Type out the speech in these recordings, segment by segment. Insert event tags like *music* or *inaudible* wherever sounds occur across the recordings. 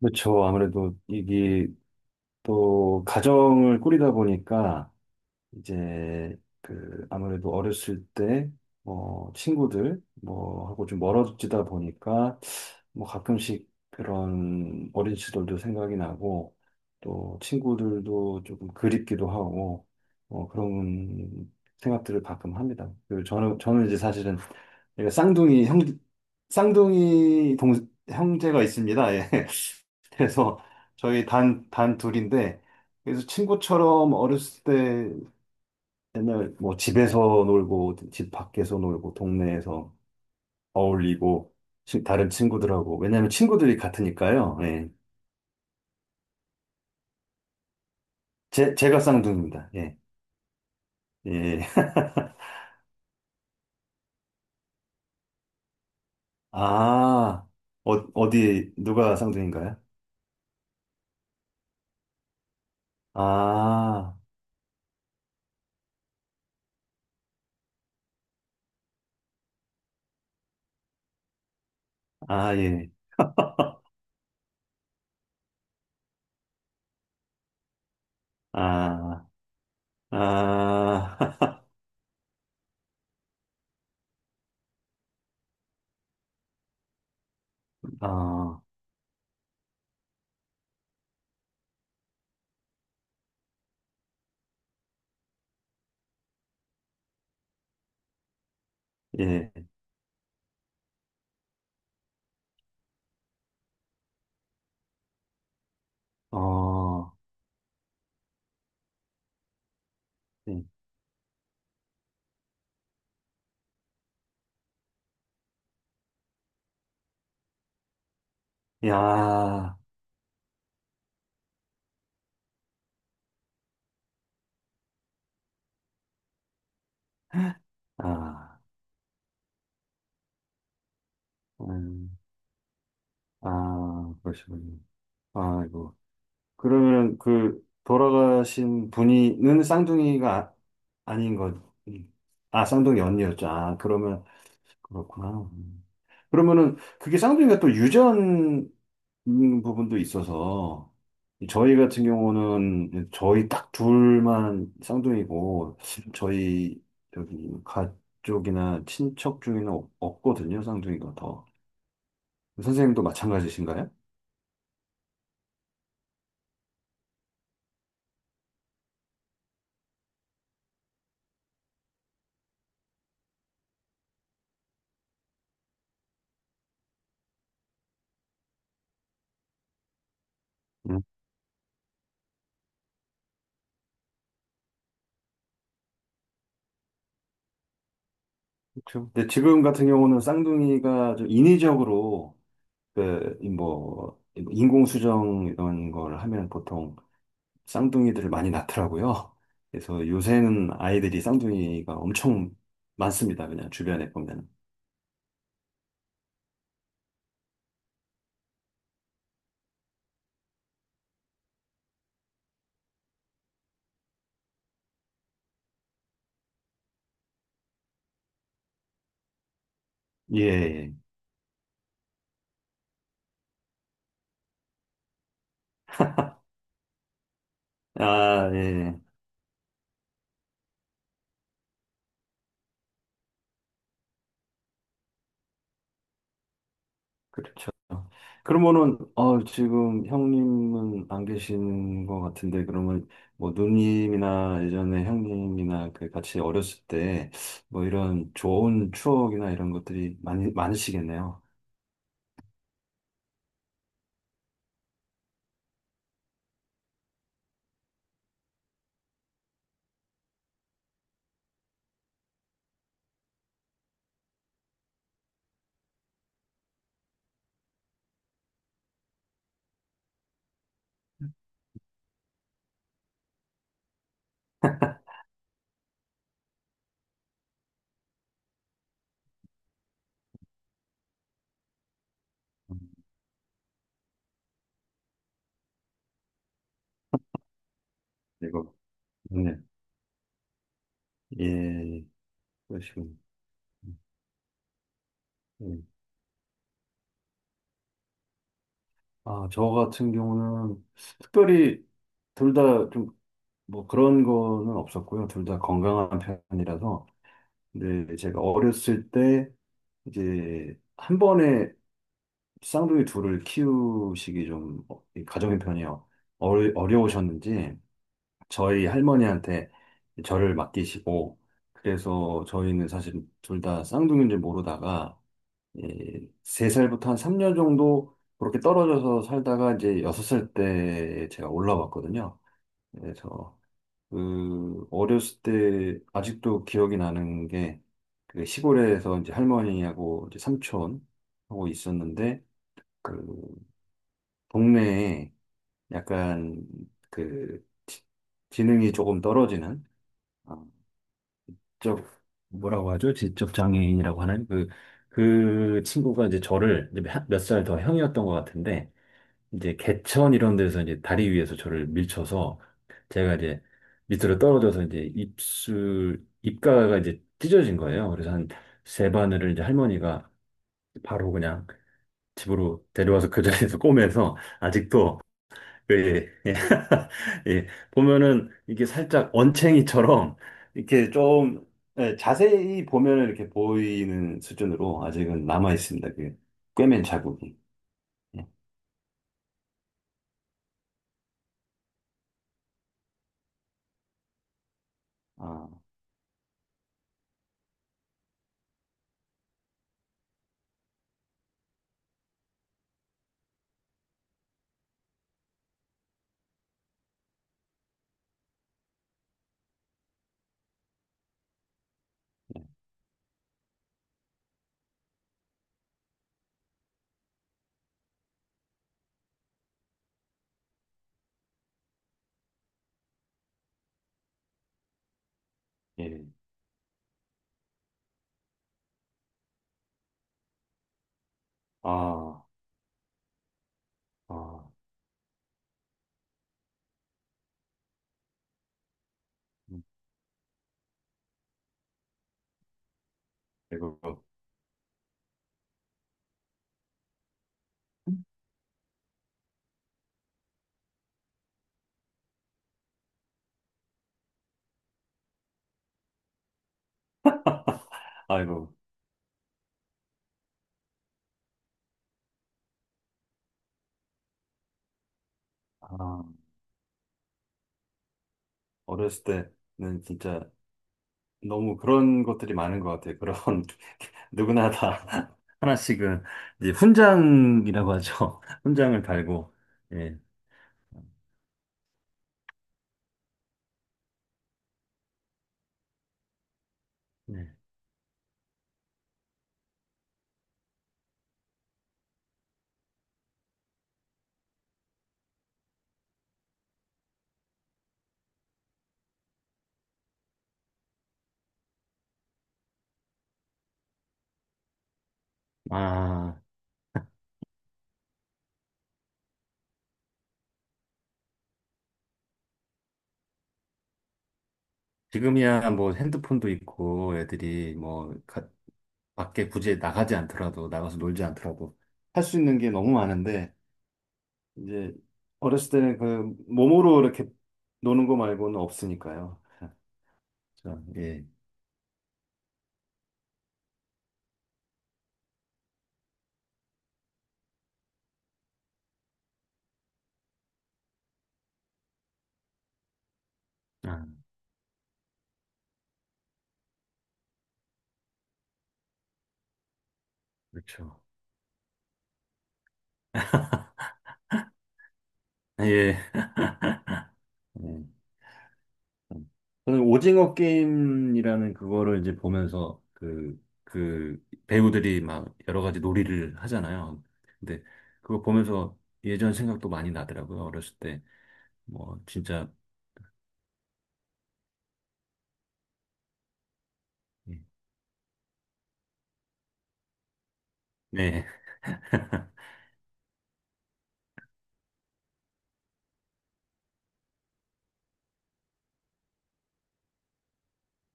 그렇죠. 아무래도 이게 또 가정을 꾸리다 보니까 이제 그 아무래도 어렸을 때 뭐 친구들 뭐 하고 좀 멀어지다 보니까 뭐 가끔씩 그런 어린 시절도 생각이 나고 또 친구들도 조금 그립기도 하고 그런 생각들을 가끔 합니다. 그 저는 이제 사실은 제가 쌍둥이 형 쌍둥이 동 형제가 있습니다. 예. 그래서 저희 단 둘인데, 그래서 친구처럼 어렸을 때 맨날 뭐 집에서 놀고, 집 밖에서 놀고, 동네에서 어울리고, 다른 친구들하고, 왜냐면 친구들이 같으니까요. 예. 제가 쌍둥이입니다. 예. 예. *laughs* 아, 어디, 누가 쌍둥이인가요? 아, 아, 예. 아, 아, *laughs* 아, 예. 어, 예. 야, 아. 음. 아, 그러시군요. 아이고. 그러면 그 돌아가신 분이는 쌍둥이가 아, 닌 것, 음. 아, 쌍둥이 언니였죠. 아, 그러면 그렇구나. 음. 그러면은 그게 쌍둥이가 또 유전 있는 부분도 있어서 저희 같은 경우는 저희 딱 둘만 쌍둥이고 저희 여기 가족이나 친척 중에는 없거든요. 쌍둥이가 더. 선생님도 마찬가지신가요? 그렇죠. 근데 지금 같은 경우는 쌍둥이가 좀 인위적으로 그뭐 인공수정 이런 걸 하면 보통 쌍둥이들을 많이 낳더라고요. 그래서 요새는 아이들이 쌍둥이가 엄청 많습니다. 그냥 주변에 보면. 예. 예. 아, 예. 예. 그렇죠. 그러면은 지금 형님은 안 계시는 것 같은데 그러면 뭐 누님이나 예전에 형님이나 그 같이 어렸을 때 뭐 이런 좋은 추억이나 이런 것들이 많이 많으시겠네요. 이거 네, 예, 그러시군. 예. 아, 저 같은 경우는 특별히 둘 다 좀 뭐 그런 거는 없었고요. 둘 다 건강한 편이라서 근데 제가 어렸을 때 이제 한 번에 쌍둥이 둘을 키우시기 좀 이 가정의 편이 어려우셨는지 저희 할머니한테 저를 맡기시고 그래서 저희는 사실 둘 다 쌍둥이인 줄 모르다가 예, 세살부터한 3년 정도 그렇게 떨어져서 살다가 이제 6살 때 제가 올라왔거든요. 그래서 그 어렸을 때 아직도 기억이 나는 게 그 시골에서 이제 할머니하고 이제 삼촌하고 있었는데 그 동네에 약간 그 지능이 조금 떨어지는 어, 쪽 뭐라고 하죠? 지적 장애인이라고 하는 그 친구가 이제 저를 몇 살 더 형이었던 것 같은데 이제 개천 이런 데서 이제 다리 위에서 저를 밀쳐서 제가 이제 밑으로 떨어져서 이제 입술 입가가 이제 찢어진 거예요. 그래서 한 세 바늘을 이제 할머니가 바로 그냥 집으로 데려와서 그 자리에서 *laughs* 꼬매서 아직도 예, 예. 예. *laughs* 예. 보면은 이게 살짝 언챙이처럼 이렇게 좀 예, 자세히 보면은 이렇게 보이는 수준으로 아직은 남아 있습니다. 그 꿰맨 자국이. 예. 아, 예. 아, 아, 음, 아이고, 아이고. 아, 어렸을 때는 진짜 너무 그런 것들이 많은 것 같아요. 그런 *laughs* 누구나 다 *laughs* 하나씩은 이제 훈장이라고 하죠. *laughs* 훈장을 달고. 예. 네. 아. 지금이야 뭐 핸드폰도 있고 애들이 뭐 밖에 굳이 나가지 않더라도 나가서 놀지 않더라도 할 수 있는 게 너무 많은데 이제 어렸을 때는 그 몸으로 이렇게 노는 거 말고는 없으니까요. 참, 예. 아, 그렇죠. 예. 예. 음. 저는 오징어 게임이라는 그거를 이제 보면서 그 배우들이 막 여러 가지 놀이를 하잖아요. 근데 그거 보면서 예전 생각도 많이 나더라고요. 어렸을 때. 뭐 진짜 네. *laughs*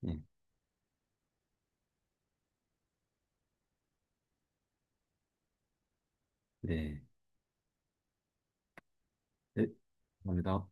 네. 네. 네. 네. 감사합니다.